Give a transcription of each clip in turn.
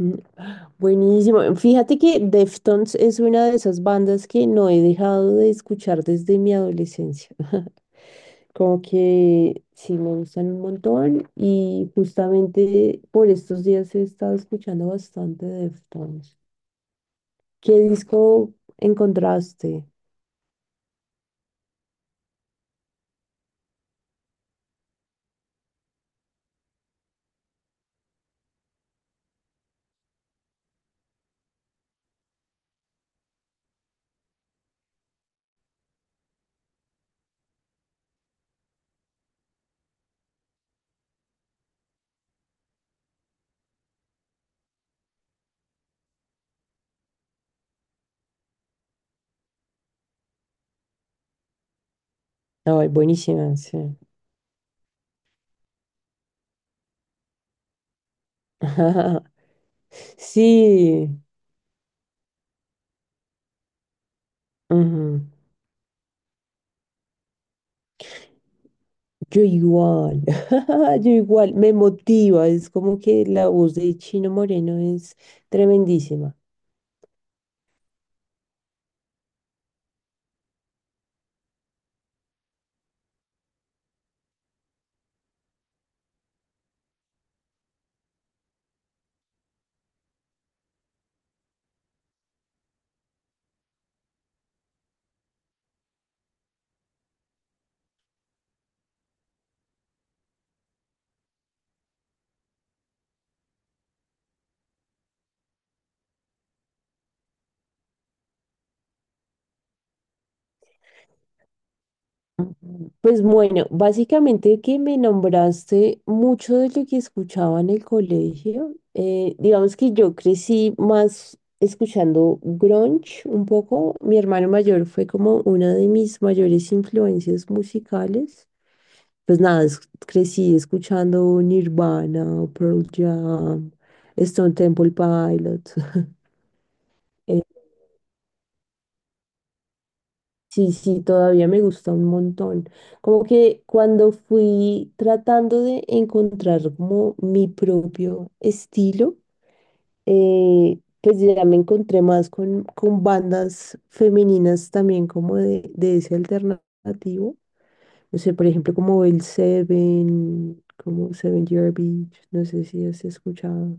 Mm, Buenísimo. Fíjate que Deftones es una de esas bandas que no he dejado de escuchar desde mi adolescencia. Como que sí me gustan un montón y justamente por estos días he estado escuchando bastante Deftones. ¿Qué disco encontraste? Ay, buenísima, sí. Sí. Ujú. Yo igual, yo igual, me motiva, es como que la voz de Chino Moreno es tremendísima. Ujú. Pues bueno, básicamente que me nombraste mucho de lo que escuchaba en el colegio. Digamos que yo crecí más escuchando grunge un poco. Mi hermano mayor fue como una de mis mayores influencias musicales. Pues nada, crecí escuchando Nirvana, Pearl Jam, Stone Temple Pilots. Eh, sí, sí, todavía me gusta un montón. Como que cuando fui tratando de encontrar como mi propio estilo, pues ya me encontré más con bandas femeninas también de ese alternativo. No sé, por ejemplo, como el Seven, como Seven Year Beach, no sé si has escuchado.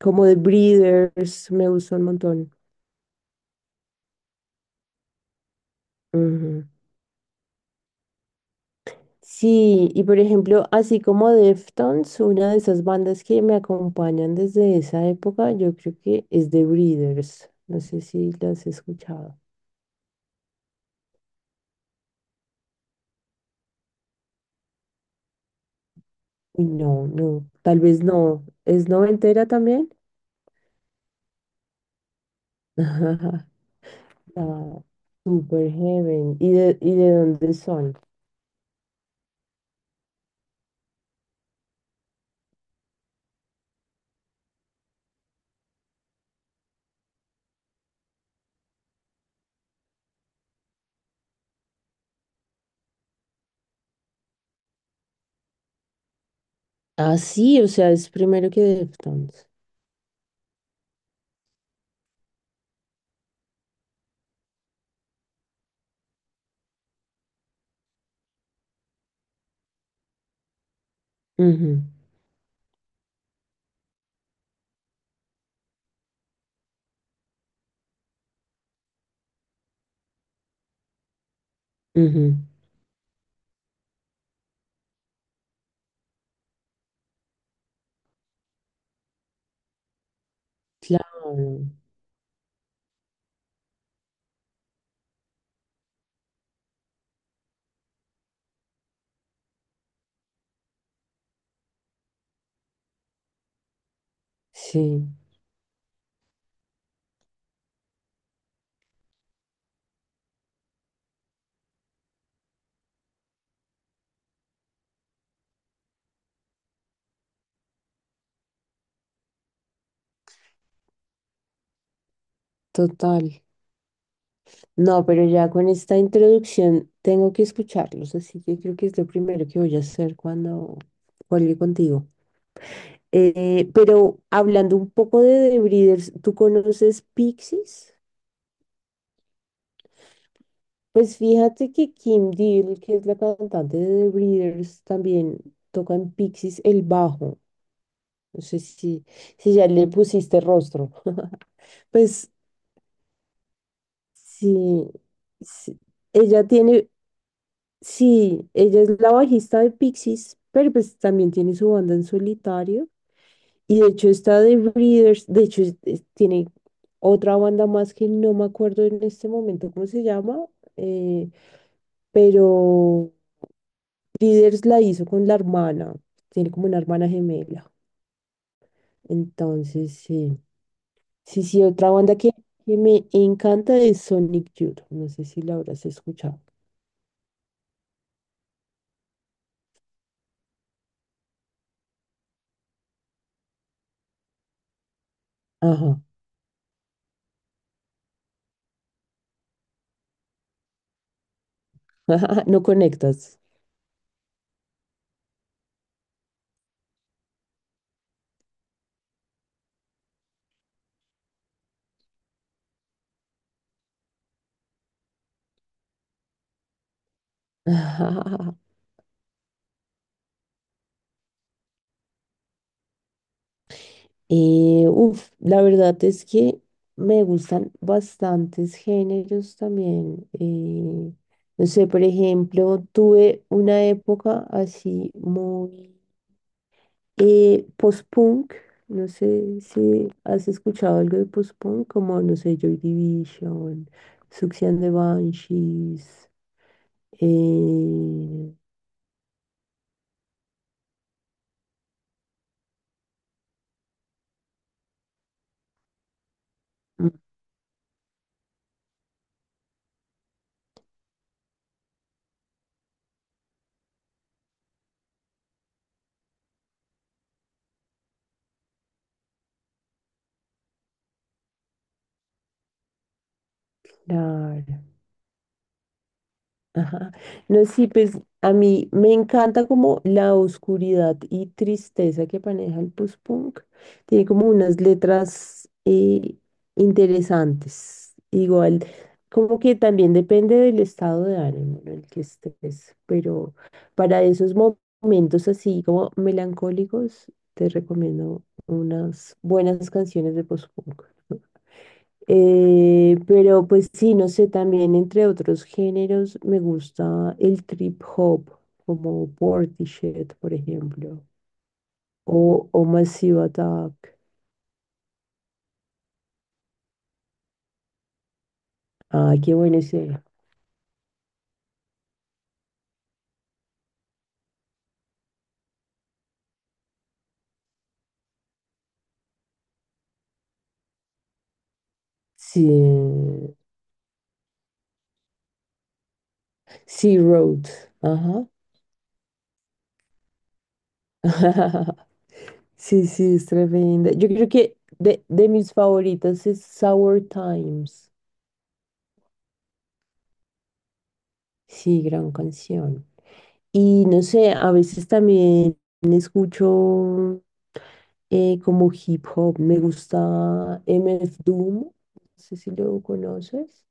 Como de Breeders, me gusta un montón. Ujú. Sí, y por ejemplo, así como Deftones, una de esas bandas que me acompañan desde esa época, yo creo que es The Breeders. No sé si las he escuchado. Uy, no, no, tal vez no. ¿Es noventera también? No, Super Heaven. ¿Y y de dónde son? Ah, sí, o sea, es primero que Deftones. Ujú, ujú, claro, sí, total. No, pero ya con esta introducción tengo que escucharlos, así que creo que es lo primero que voy a hacer cuando cuelgue contigo. Pero hablando un poco de The Breeders, ¿tú conoces Pixies? Pues fíjate que Kim Deal, que es la cantante de The Breeders, también toca en Pixies el bajo. No sé si, si ya le pusiste rostro. Pues sí, sí. Ella tiene. Sí, ella es la bajista de Pixies, pero pues también tiene su banda en solitario. Y de hecho está de Breeders, de hecho tiene otra banda más que no me acuerdo en este momento cómo se llama, eh, pero Breeders la hizo con la hermana, tiene como una hermana gemela. Entonces, sí, sí, sí, otra banda que me encanta es Sonic Youth, no sé si la habrás escuchado. Ajá, no conectas. Uf, la verdad es que me gustan bastantes géneros también. No sé, por ejemplo, tuve una época así muy post-punk. No sé si has escuchado algo de post-punk, como, no sé, Joy Division, Sucks and the Banshees, eh, mm, claro. Ajá. No, sí, pues a mí me encanta como la oscuridad y tristeza que maneja el post-punk. Tiene como unas letras interesantes. Igual, como que también depende del estado de ánimo en el que estés, pero para esos momentos así como melancólicos, te recomiendo unas buenas canciones de post-punk. Pero pues sí, no sé, también entre otros géneros me gusta el trip hop, como Portishead, por ejemplo, o Massive Attack. Ah, qué bueno ese. Sí, Sea Road. Ajá. Sí, sí, es tremenda. Yo creo que de mis favoritas es Sour Times. Sí, gran canción. Y no sé, a veces también escucho. Como hip hop. Me gusta MF Doom, no sé si lo conoces,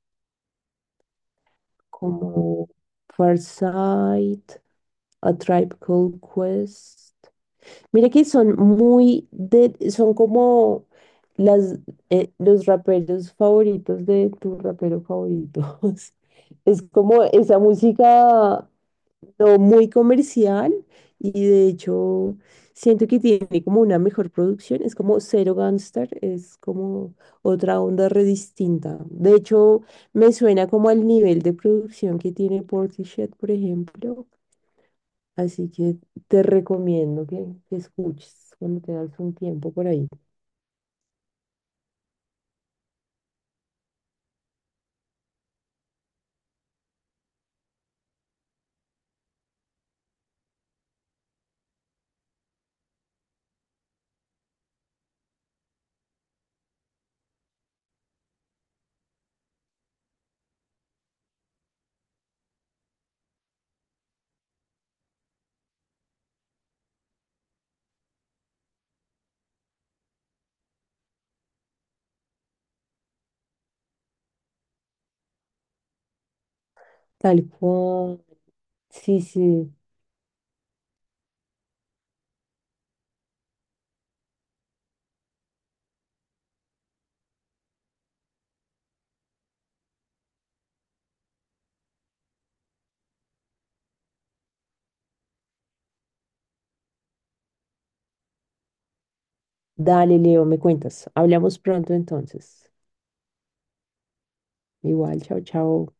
como Farsight, A Tribe Called Quest. Mira que son muy de, son como las, los raperos favoritos de tu rapero favorito. Es como esa música no muy comercial y de hecho siento que tiene como una mejor producción, es como Zero Gangster, es como otra onda re distinta. De hecho, me suena como al nivel de producción que tiene Portishead, por ejemplo, así que te recomiendo que escuches cuando te das un tiempo por ahí. Tal cual. Sí, sí. Dale, Leo, me cuentas. Hablamos pronto entonces. Igual, chao, chao.